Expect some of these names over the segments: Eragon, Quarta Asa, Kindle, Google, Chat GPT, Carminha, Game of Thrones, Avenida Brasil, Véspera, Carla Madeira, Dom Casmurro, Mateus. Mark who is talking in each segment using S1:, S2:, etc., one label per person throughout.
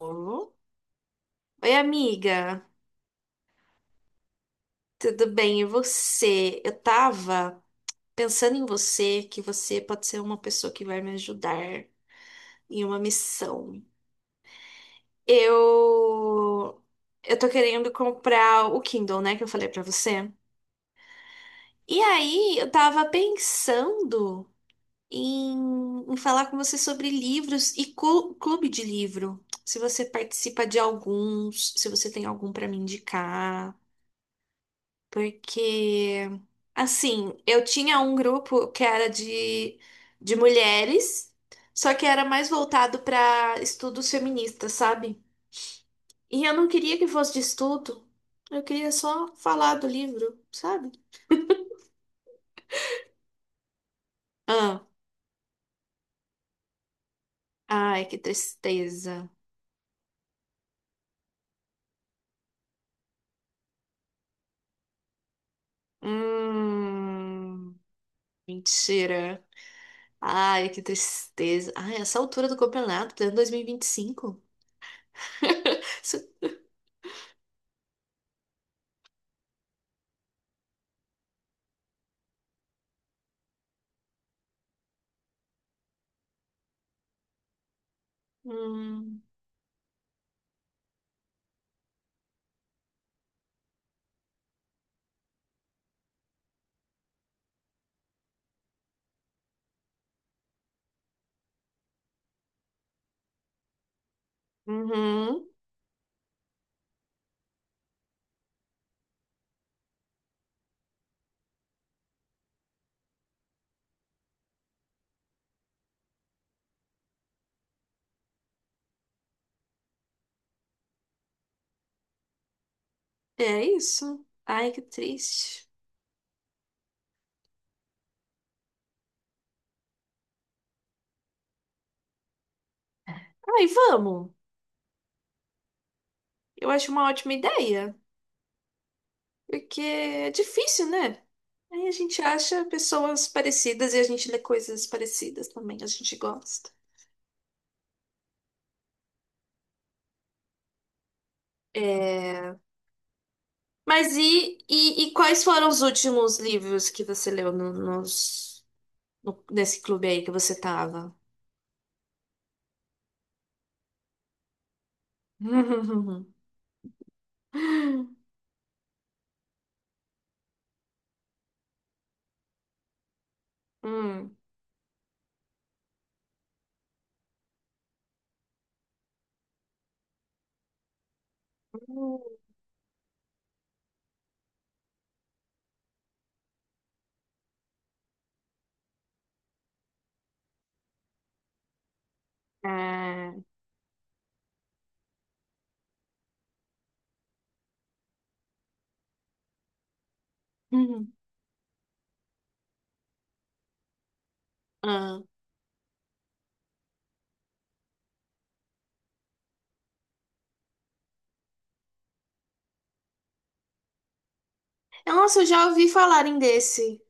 S1: Alô? Oi, amiga, tudo bem? E você? Eu tava pensando em você, que você pode ser uma pessoa que vai me ajudar em uma missão. Eu eu tô querendo comprar o Kindle, né, que eu falei pra você. E aí, eu tava pensando em, em falar com você sobre livros e clube de livro. Se você participa de alguns, se você tem algum pra me indicar. Porque, assim, eu tinha um grupo que era de mulheres, só que era mais voltado para estudos feministas, sabe? E eu não queria que fosse de estudo, eu queria só falar do livro, sabe? Ah, ai, que tristeza. Hum, mentira. Ai, que tristeza. Ai, essa altura do campeonato, pleno 2025. Isso. Hum, uhum. É isso. Ai, que triste. Ai, vamos. Eu acho uma ótima ideia, porque é difícil, né? Aí a gente acha pessoas parecidas e a gente lê coisas parecidas também, a gente gosta. É... Mas e quais foram os últimos livros que você leu no, nos, no- nesse clube aí que você tava? Hum. Ah. Hum, hum. Ah. Nossa, eu já ouvi falarem desse.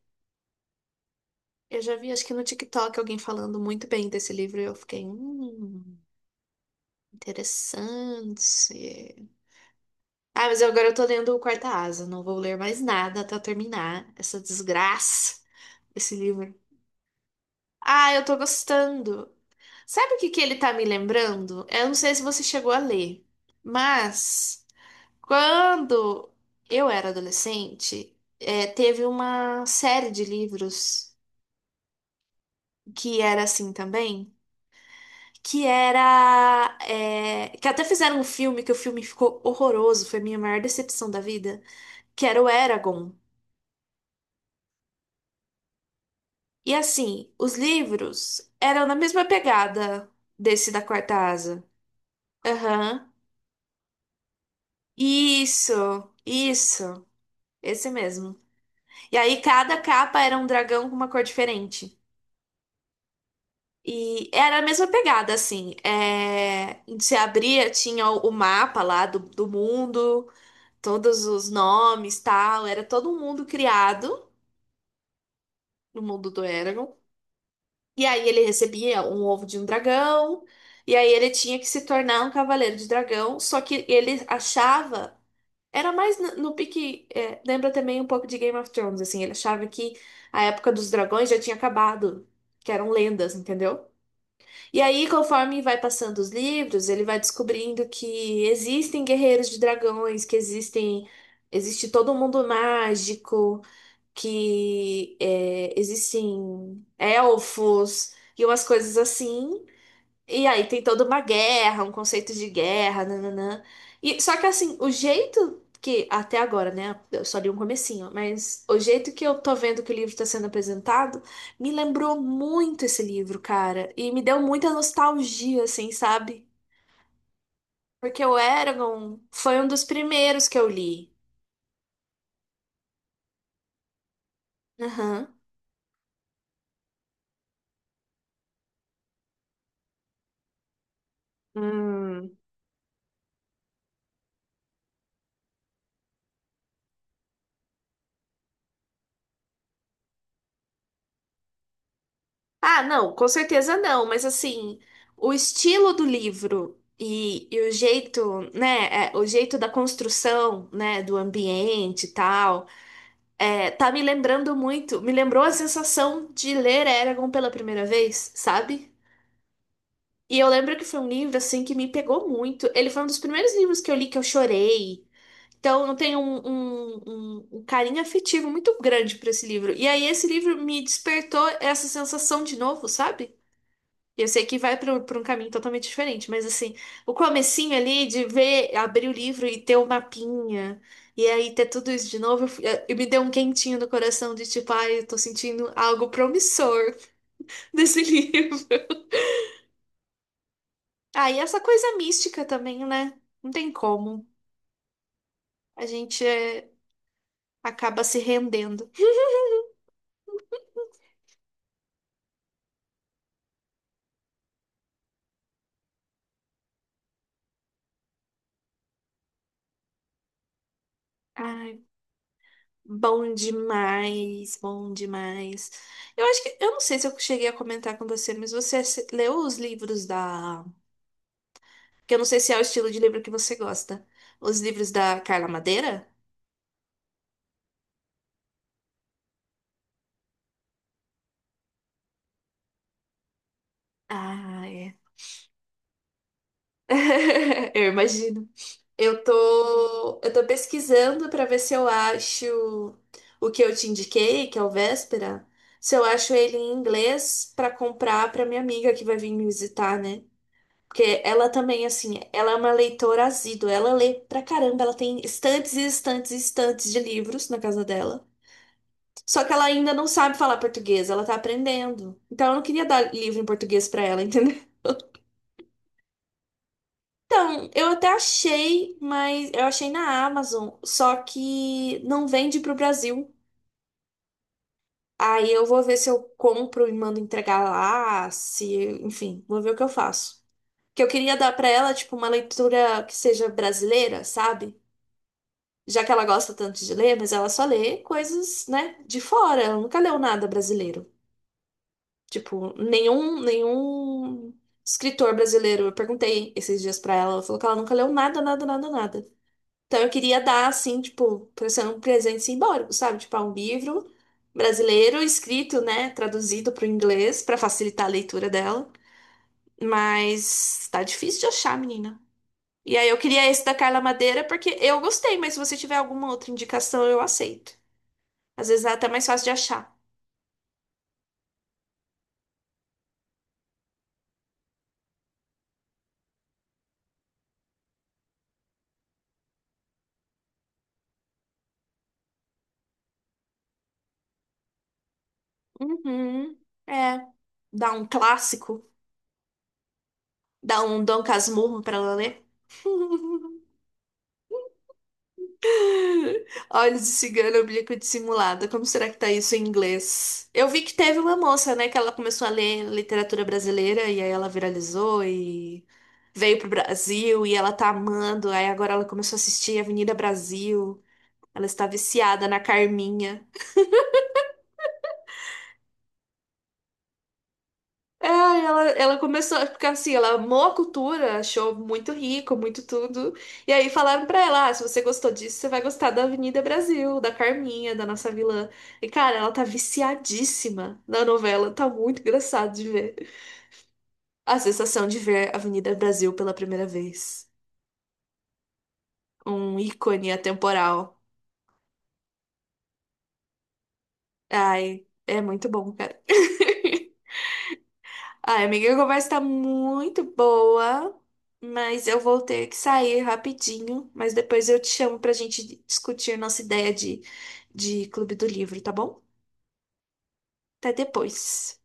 S1: Eu já vi, acho que no TikTok, alguém falando muito bem desse livro e eu fiquei, interessante. Ah, mas agora eu tô lendo o Quarta Asa, não vou ler mais nada até eu terminar essa desgraça desse livro. Ah, eu tô gostando. Sabe o que que ele tá me lembrando? Eu não sei se você chegou a ler, mas quando eu era adolescente, teve uma série de livros que era assim também. Que era, é, que até fizeram um filme que o filme ficou horroroso, foi a minha maior decepção da vida, que era o Eragon. E assim, os livros eram na mesma pegada desse da Quarta Asa. Aham. Isso, isso, esse mesmo. E aí cada capa era um dragão com uma cor diferente. E era a mesma pegada, assim. É... Se abria, tinha o mapa lá do mundo. Todos os nomes, tal, era todo um mundo criado no mundo do Eragon. E aí ele recebia um ovo de um dragão, e aí ele tinha que se tornar um cavaleiro de dragão, só que ele achava, era mais no pique, é, lembra também um pouco de Game of Thrones, assim, ele achava que a época dos dragões já tinha acabado. Que eram lendas, entendeu? E aí, conforme vai passando os livros, ele vai descobrindo que existem guerreiros de dragões, que existe todo um mundo mágico, que é, existem elfos e umas coisas assim. E aí tem toda uma guerra, um conceito de guerra, nananã. E, só que assim, o jeito que, até agora, né? Eu só li um comecinho, mas o jeito que eu tô vendo que o livro tá sendo apresentado me lembrou muito esse livro, cara. E me deu muita nostalgia, assim, sabe? Porque o Eragon foi um dos primeiros que eu li. Aham. Ah, não, com certeza não, mas assim, o estilo do livro e o jeito, né, é, o jeito da construção, né, do ambiente e tal, é, tá me lembrando muito, me lembrou a sensação de ler Eragon pela primeira vez, sabe? E eu lembro que foi um livro, assim, que me pegou muito. Ele foi um dos primeiros livros que eu li que eu chorei. Então, eu tenho um carinho afetivo muito grande por esse livro. E aí, esse livro me despertou essa sensação de novo, sabe? Eu sei que vai para um caminho totalmente diferente, mas assim, o comecinho ali de ver, abrir o livro e ter o mapinha, e aí ter tudo isso de novo, eu me deu um quentinho no coração de tipo, ai, eu tô sentindo algo promissor desse livro. Ah, e essa coisa mística também, né? Não tem como. A gente acaba se rendendo. Ai, bom demais, bom demais. Eu acho que, eu não sei se eu cheguei a comentar com você, mas você se- leu os livros da… Que eu não sei se é o estilo de livro que você gosta. Os livros da Carla Madeira? Ah, é. Eu imagino. Eu tô pesquisando pra ver se eu acho o que eu te indiquei, que é o Véspera, se eu acho ele em inglês pra comprar pra minha amiga que vai vir me visitar, né? Porque ela também, assim, ela é uma leitora assídua, ela lê pra caramba, ela tem estantes e estantes e estantes de livros na casa dela. Só que ela ainda não sabe falar português, ela tá aprendendo. Então eu não queria dar livro em português pra ela, entendeu? Então, eu até achei, mas eu achei na Amazon, só que não vende pro Brasil. Aí eu vou ver se eu compro e mando entregar lá, se, enfim, vou ver o que eu faço. Que eu queria dar pra ela tipo uma leitura que seja brasileira, sabe? Já que ela gosta tanto de ler, mas ela só lê coisas, né, de fora, ela nunca leu nada brasileiro. Tipo, nenhum escritor brasileiro. Eu perguntei esses dias pra ela, ela falou que ela nunca leu nada, nada, nada, nada. Então eu queria dar, assim, tipo, pra ser um presente simbólico, sabe? Tipo, ah, um livro brasileiro escrito, né, traduzido pro inglês pra facilitar a leitura dela. Mas tá difícil de achar, menina. E aí eu queria esse da Carla Madeira porque eu gostei, mas se você tiver alguma outra indicação, eu aceito. Às vezes é até mais fácil de achar. Uhum. É, dá um clássico. Dá um Dom Casmurro pra ela, né? Olhos de cigano, oblíqua dissimulada. Como será que tá isso em inglês? Eu vi que teve uma moça, né, que ela começou a ler literatura brasileira e aí ela viralizou e veio pro Brasil e ela tá amando. Aí agora ela começou a assistir Avenida Brasil. Ela está viciada na Carminha. É, ela começou, é porque assim, ela amou a cultura, achou muito rico, muito tudo. E aí falaram pra ela, ah, se você gostou disso, você vai gostar da Avenida Brasil, da Carminha, da nossa vilã. E cara, ela tá viciadíssima na novela, tá muito engraçado de ver. A sensação de ver Avenida Brasil pela primeira vez. Um ícone atemporal. Ai, é muito bom, cara. Ai, amiga, a conversa tá muito boa, mas eu vou ter que sair rapidinho. Mas depois eu te chamo pra gente discutir nossa ideia de Clube do Livro, tá bom? Até depois.